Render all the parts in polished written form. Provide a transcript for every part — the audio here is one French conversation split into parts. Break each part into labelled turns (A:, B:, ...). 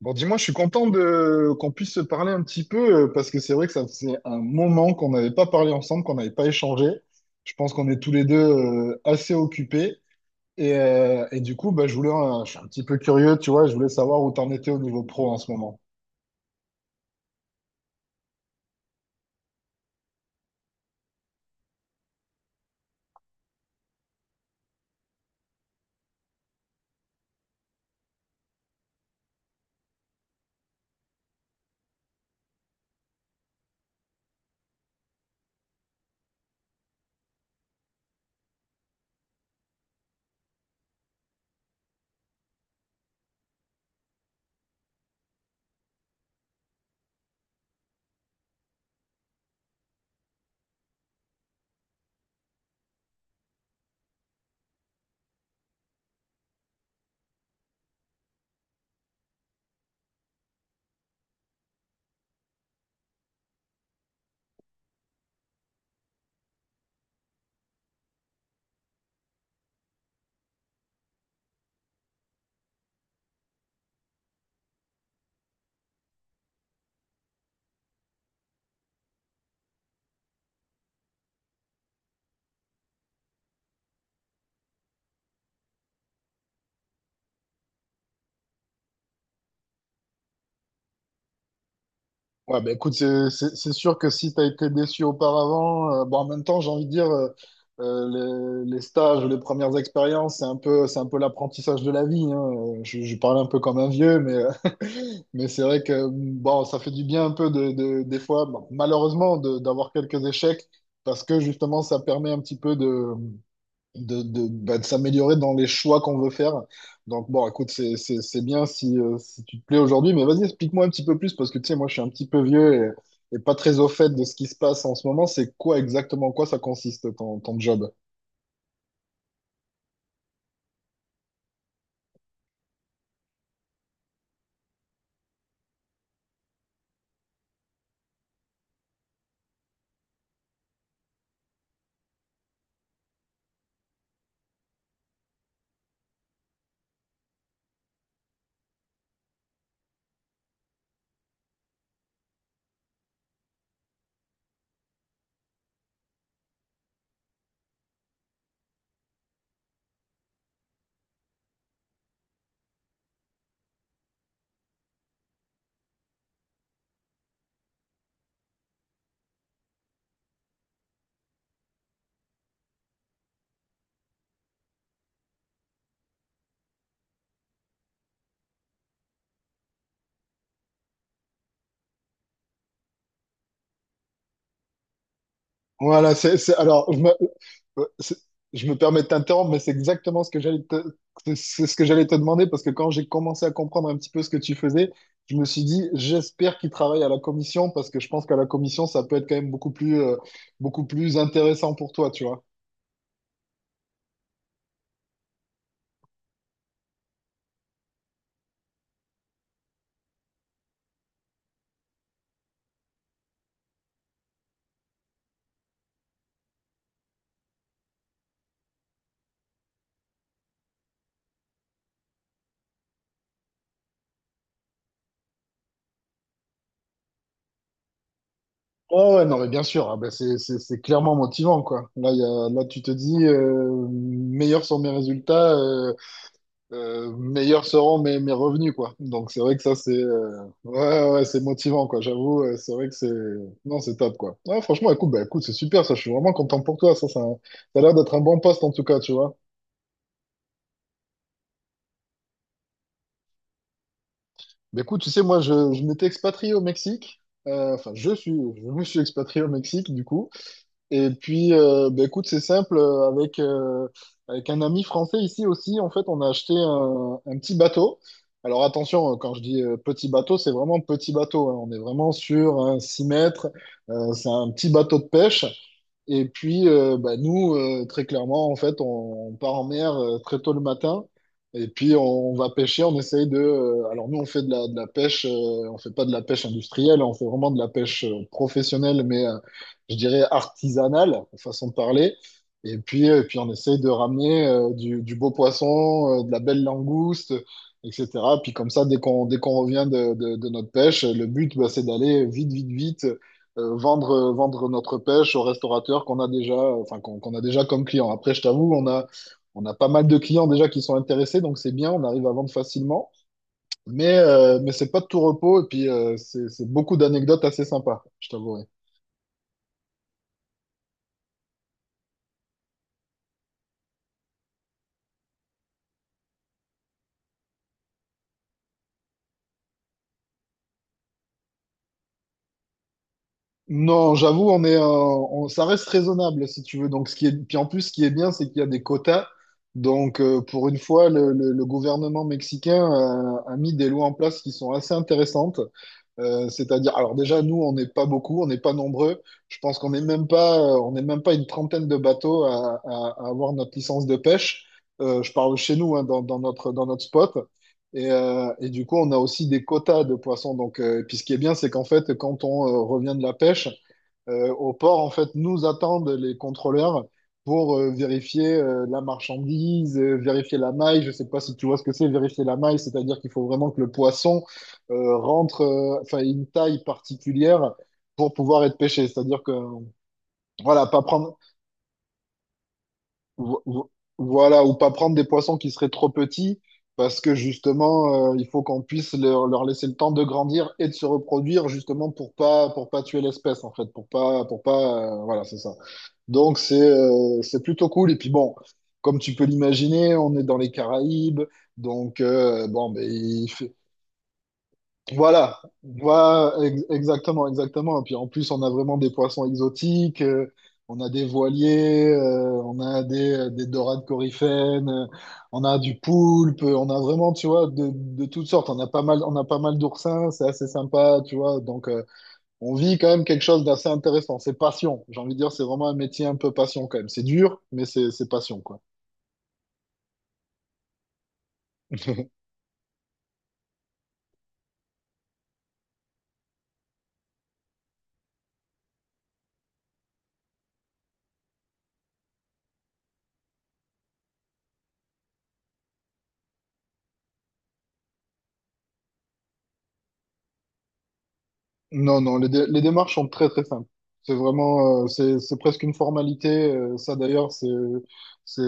A: Bon, dis-moi, je suis content de qu'on puisse se parler un petit peu parce que c'est vrai que ça faisait un moment qu'on n'avait pas parlé ensemble, qu'on n'avait pas échangé. Je pense qu'on est tous les deux assez occupés et du coup, bah, je voulais, je suis un petit peu curieux, tu vois, je voulais savoir où t'en étais au niveau pro en ce moment. Ouais, bah écoute, c'est sûr que si tu as été déçu auparavant, bon, en même temps, j'ai envie de dire, les stages, les premières expériences, c'est un peu l'apprentissage de la vie, hein. Je parle un peu comme un vieux, mais mais c'est vrai que bon, ça fait du bien un peu des fois, bon, malheureusement, d'avoir quelques échecs parce que justement, ça permet un petit peu de s'améliorer dans les choix qu'on veut faire. Donc, bon, écoute, c'est bien si tu te plais aujourd'hui, mais vas-y, explique-moi un petit peu plus parce que, tu sais, moi, je suis un petit peu vieux et pas très au fait de ce qui se passe en ce moment. C'est quoi exactement, en quoi ça consiste ton job? Voilà, alors, euh, c'est- je me permets de t'interrompre, mais c'est exactement ce que j'allais te demander, parce que quand j'ai commencé à comprendre un petit peu ce que tu faisais, je me suis dit, j'espère qu'il travaille à la commission, parce que je pense qu'à la commission, ça peut être quand même beaucoup plus intéressant pour toi, tu vois. Oh ouais, non, mais bien sûr, ah ben c'est clairement motivant, quoi. Là, là tu te dis, meilleurs sont mes résultats, meilleurs seront mes, mes revenus, quoi. Donc c'est vrai que ça, c'est ouais, ouais, c'est motivant, quoi. J'avoue, c'est vrai que c'est... Non, c'est top, quoi. Ouais, franchement, écoute, bah, écoute, c'est super, ça. Je suis vraiment content pour toi, ça. Ça a l'air d'être un bon poste, en tout cas, tu vois. Mais écoute, tu sais, moi, je m'étais expatrié au Mexique. Enfin, je me suis expatrié au Mexique, du coup. Et puis, bah, écoute, c'est simple, avec un ami français ici aussi, en fait, on a acheté un petit bateau. Alors attention, quand je dis petit bateau, c'est vraiment petit bateau, hein. On est vraiment sur un 6 mètres. C'est un petit bateau de pêche. Et puis, bah, nous, très clairement, en fait, on part en mer très tôt le matin. Et puis, on va pêcher. On essaye de, alors, nous, on fait de la pêche. On fait pas de la pêche industrielle. On fait vraiment de la pêche professionnelle, mais je dirais artisanale, façon de parler. Et puis on essaye de ramener du beau poisson, de la belle langouste, etc. Puis, comme ça, dès qu'on revient de notre pêche, le but, bah, c'est d'aller vite, vite, vite vendre notre pêche aux restaurateurs qu'on a déjà, enfin, qu'on a déjà comme clients. Après, je t'avoue, on a pas mal de clients déjà qui sont intéressés, donc c'est bien, on arrive à vendre facilement. Mais c'est pas de tout repos, et puis c'est beaucoup d'anecdotes assez sympas, je t'avouerai. Non, j'avoue, ça reste raisonnable si tu veux. Donc, ce qui est, puis en plus, ce qui est bien, c'est qu'il y a des quotas. Donc, pour une fois, le gouvernement mexicain a, a mis des lois en place qui sont assez intéressantes. C'est-à-dire, alors déjà, nous, on n'est pas beaucoup, on n'est pas nombreux. Je pense qu'on n'est même pas, on n'est même pas une trentaine de bateaux à avoir notre licence de pêche. Je parle chez nous, hein, dans notre spot. Et du coup, on a aussi des quotas de poissons. Donc, et puis ce qui est bien, c'est qu'en fait, quand on revient de la pêche, au port, en fait, nous attendent les contrôleurs pour vérifier la marchandise, vérifier la maille. Je sais pas si tu vois ce que c'est, vérifier la maille, c'est-à-dire qu'il faut vraiment que le poisson rentre, enfin, ait une taille particulière pour pouvoir être pêché. C'est-à-dire que, voilà, pas prendre, vo- vo- voilà, ou pas prendre des poissons qui seraient trop petits. Parce que justement, il faut qu'on puisse leur, leur laisser le temps de grandir et de se reproduire, justement pour pas tuer l'espèce en fait, pour pas voilà c'est ça. Donc c'est plutôt cool. Et puis bon, comme tu peux l'imaginer, on est dans les Caraïbes. Donc bon, ben, voilà, voilà, exactement, exactement. Et puis en plus, on a vraiment des poissons exotiques. On a des voiliers, on a des dorades coryphènes, on a du poulpe, on a vraiment, tu vois, de toutes sortes. On a pas mal d'oursins, c'est assez sympa, tu vois. Donc, on vit quand même quelque chose d'assez intéressant. C'est passion. J'ai envie de dire, c'est vraiment un métier un peu passion quand même. C'est dur, mais c'est passion, quoi. Non, non, les démarches sont très, très simples. C'est vraiment, c'est presque une formalité. Ça, d'ailleurs, c'est,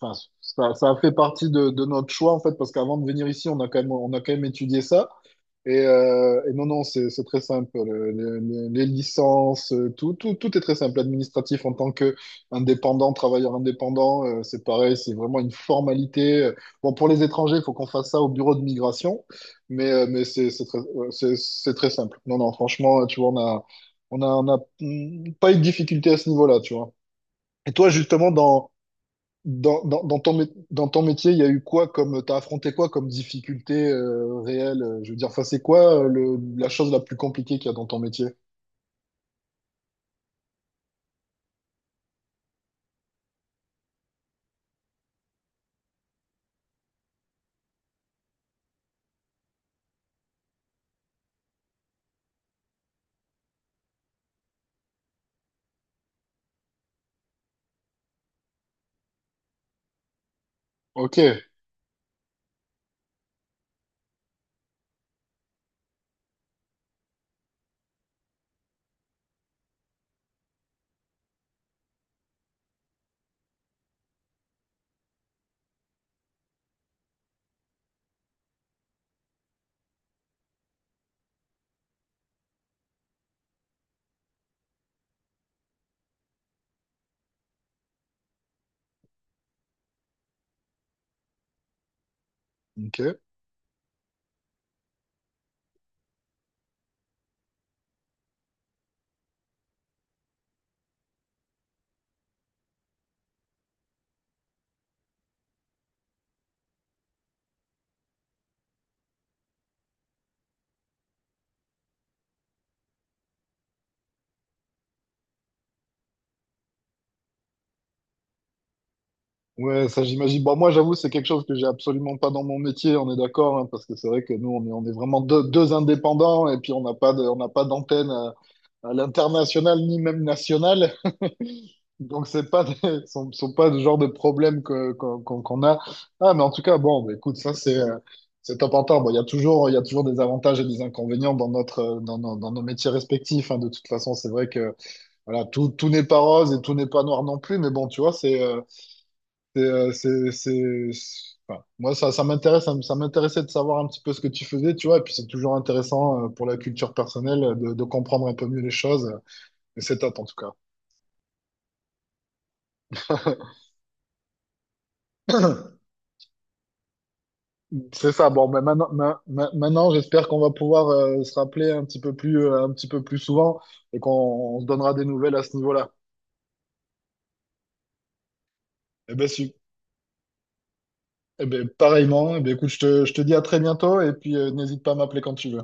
A: enfin, ça a fait partie de notre choix, en fait, parce qu'avant de venir ici, on a quand même étudié ça. Et non, non, c'est très simple. Les licences, tout, tout, tout est très simple. Administratif en tant que indépendant, travailleur indépendant, c'est pareil, c'est vraiment une formalité. Bon, pour les étrangers, il faut qu'on fasse ça au bureau de migration, mais c'est très, c'est très simple. Non, non, franchement, tu vois, on a pas eu de difficulté à ce niveau-là, tu vois. Et toi, justement, dans ton métier, il y a eu quoi comme, t'as affronté quoi comme difficulté réelle? Je veux dire, enfin, c'est quoi la chose la plus compliquée qu'il y a dans ton métier? Ok, ok. Ouais, ça j'imagine. Bon, moi, j'avoue, c'est quelque chose que j'ai absolument pas dans mon métier, on est d'accord, hein, parce que c'est vrai que nous, on est vraiment deux, deux indépendants et puis on n'a pas d'antenne. À l'international ni même national. Donc, c'est pas sont pas le genre de problème que, qu'on a. Ah, mais en tout cas, bon, bah, écoute, ça, c'est top en top. Bon, il y a toujours des avantages et des inconvénients dans notre, dans nos métiers respectifs, hein. De toute façon, c'est vrai que, voilà, tout, tout n'est pas rose et tout n'est pas noir non plus. Mais bon, tu vois, enfin, moi, ça m'intéresse, ça m'intéressait de savoir un petit peu ce que tu faisais, tu vois. Et puis, c'est toujours intéressant, pour la culture personnelle de comprendre un peu mieux les choses. C'est top en tout cas. C'est ça. Bon, mais maintenant, maintenant, j'espère qu'on va pouvoir se rappeler un petit peu plus, un petit peu plus souvent et qu'on on se donnera des nouvelles à ce niveau-là. Eh ben, su- eh ben, pareillement. Eh ben, écoute, je te dis à très bientôt et puis n'hésite pas à m'appeler quand tu veux.